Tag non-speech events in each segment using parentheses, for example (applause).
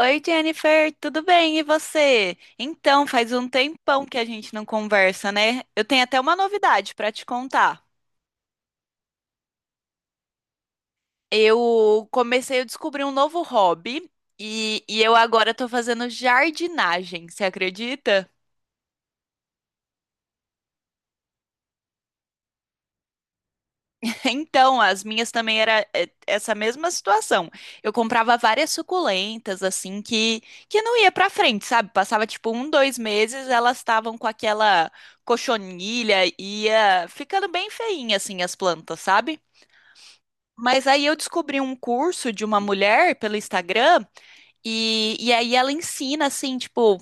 Oi, Jennifer, tudo bem? E você? Então, faz um tempão que a gente não conversa, né? Eu tenho até uma novidade para te contar. Eu comecei a descobrir um novo hobby e eu agora tô fazendo jardinagem, você acredita? Então, as minhas também era essa mesma situação. Eu comprava várias suculentas, assim, que não ia pra frente, sabe? Passava tipo um, dois meses, elas estavam com aquela cochonilha, ia ficando bem feinha, assim, as plantas, sabe? Mas aí eu descobri um curso de uma mulher pelo Instagram e aí ela ensina, assim, tipo,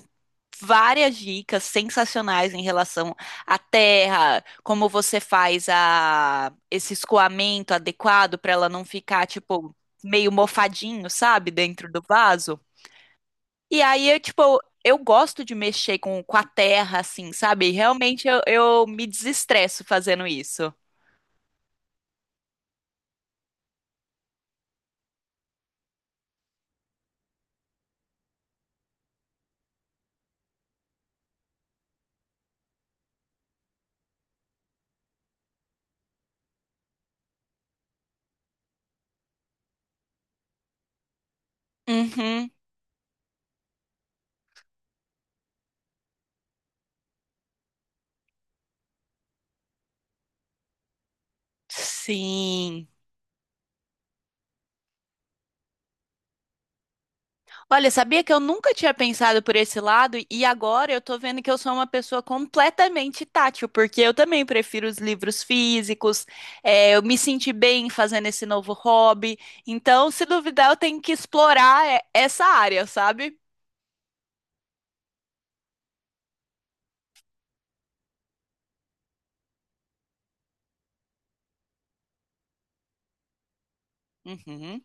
várias dicas sensacionais em relação à terra, como você faz a, esse escoamento adequado para ela não ficar, tipo, meio mofadinho, sabe, dentro do vaso. E aí, eu, tipo, eu gosto de mexer com a terra, assim, sabe? Realmente eu me desestresso fazendo isso. Uhum. Sim. Olha, sabia que eu nunca tinha pensado por esse lado e agora eu tô vendo que eu sou uma pessoa completamente tátil, porque eu também prefiro os livros físicos, é, eu me senti bem fazendo esse novo hobby, então, se duvidar, eu tenho que explorar essa área, sabe? Uhum,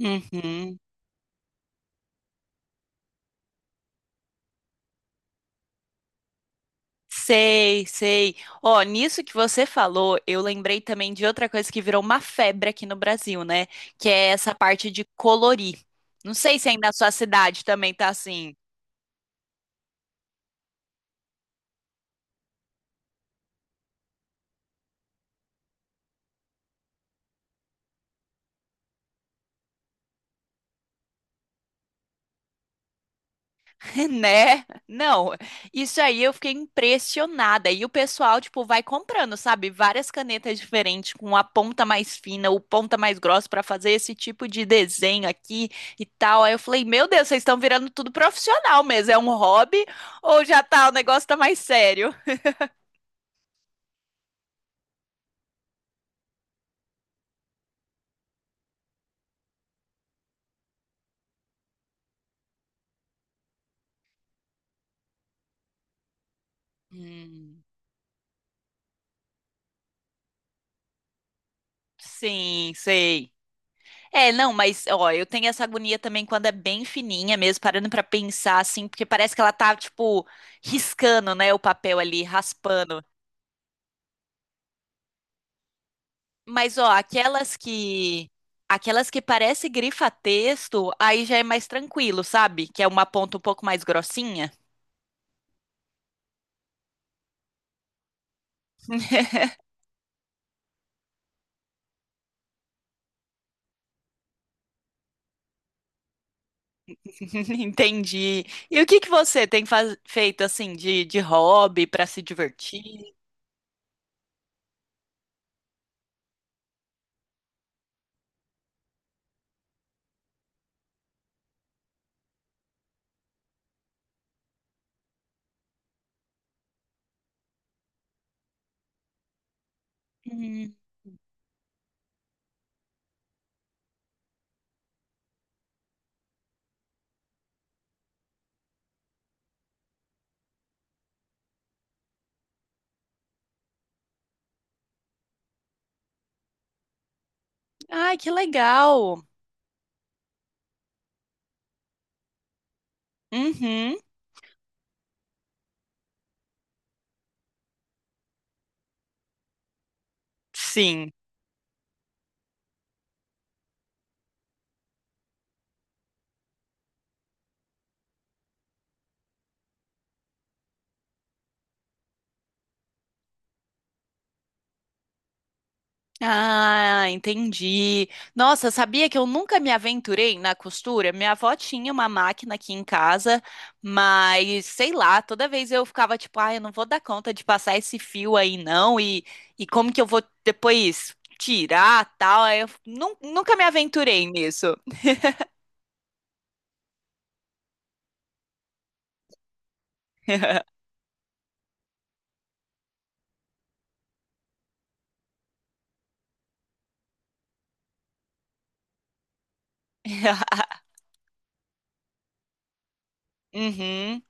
uhum. Sei, sei. Ó, nisso que você falou, eu lembrei também de outra coisa que virou uma febre aqui no Brasil, né? Que é essa parte de colorir. Não sei se aí na sua cidade também tá assim. (laughs) Né? Não, isso aí eu fiquei impressionada. E o pessoal, tipo, vai comprando, sabe? Várias canetas diferentes, com a ponta mais fina, o ponta mais grossa pra fazer esse tipo de desenho aqui e tal. Aí eu falei, meu Deus, vocês estão virando tudo profissional mesmo. É um hobby ou já tá, o negócio tá mais sério? Hum, sim, sei. É, não, mas ó, eu tenho essa agonia também quando é bem fininha mesmo, parando pra pensar assim, porque parece que ela tá tipo riscando, né, o papel ali, raspando. Mas, ó, aquelas que parece grifa-texto, aí já é mais tranquilo, sabe? Que é uma ponta um pouco mais grossinha. (laughs) Entendi. E o que que você tem feito assim de hobby para se divertir? Hum. Ai, que legal. Uhum. Sim. Ah, entendi. Nossa, sabia que eu nunca me aventurei na costura? Minha avó tinha uma máquina aqui em casa, mas sei lá, toda vez eu ficava tipo, ah, eu não vou dar conta de passar esse fio aí não, e como que eu vou depois tirar tal? Aí nunca me aventurei nisso. (laughs) Uhum.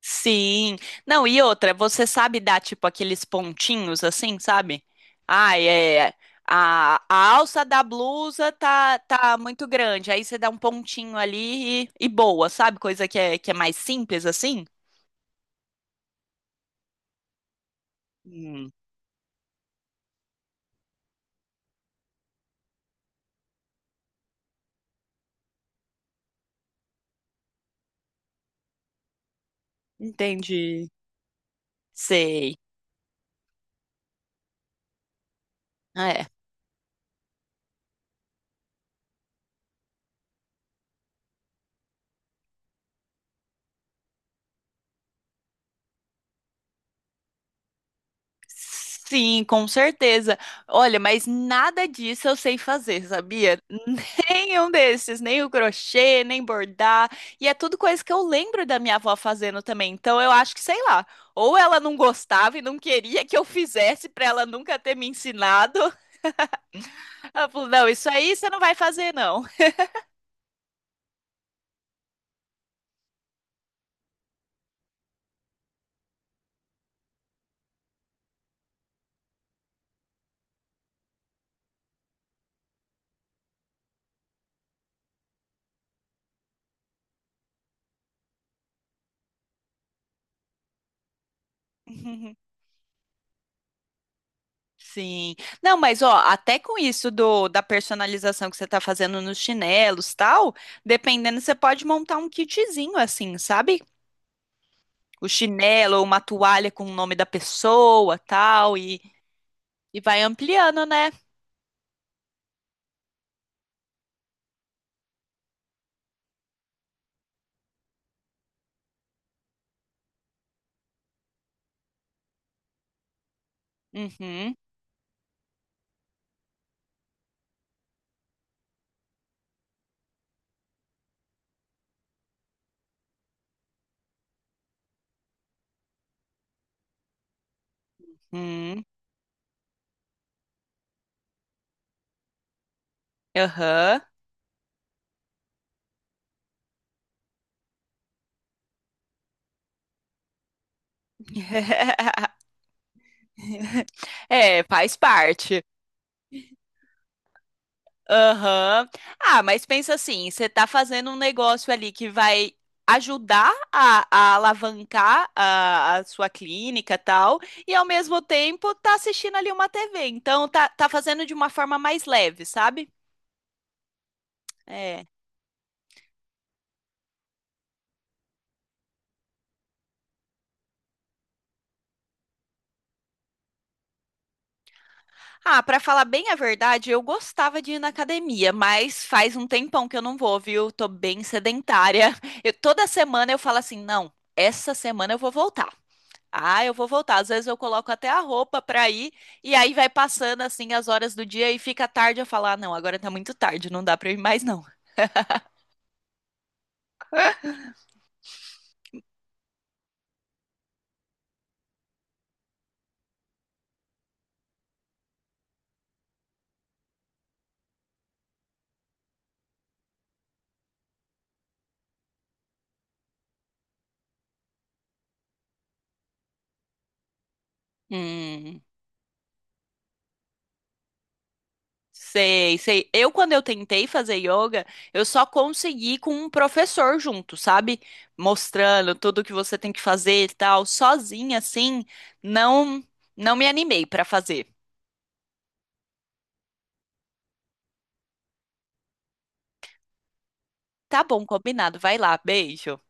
Sim. Não, e outra, você sabe dar tipo aqueles pontinhos assim, sabe? Ah, é. A alça da blusa tá muito grande. Aí você dá um pontinho ali e boa, sabe? Coisa que é mais simples assim. Hum, entendi. Sei. É, sim, com certeza. Olha, mas nada disso eu sei fazer, sabia? (laughs) Nenhum desses, nem o crochê, nem bordar. E é tudo coisa que eu lembro da minha avó fazendo também. Então eu acho que, sei lá, ou ela não gostava e não queria que eu fizesse pra ela nunca ter me ensinado. (laughs) Ela falou: não, isso aí você não vai fazer, não. (laughs) Sim. Não, mas ó, até com isso do da personalização que você tá fazendo nos chinelos, tal, dependendo, você pode montar um kitzinho assim, sabe? O chinelo ou uma toalha com o nome da pessoa, tal, e vai ampliando, né? Uhum, uhum, aham. (laughs) É, faz parte. Aham. Ah, mas pensa assim, você tá fazendo um negócio ali que vai ajudar a alavancar a sua clínica, tal, e ao mesmo tempo tá assistindo ali uma TV. Então tá, tá fazendo de uma forma mais leve, sabe? É. Ah, pra falar bem a verdade, eu gostava de ir na academia, mas faz um tempão que eu não vou, viu? Tô bem sedentária. (laughs) Toda semana eu falo assim, não, essa semana eu vou voltar. Ah, eu vou voltar. Às vezes eu coloco até a roupa pra ir e aí vai passando assim as horas do dia e fica tarde eu falo, ah, não, agora tá muito tarde, não dá pra eu ir mais não. Hum. Sei, sei. Eu, quando eu tentei fazer yoga, eu só consegui com um professor junto, sabe? Mostrando tudo que você tem que fazer e tal. Sozinha, assim, não, não me animei pra fazer. Tá bom, combinado. Vai lá, beijo.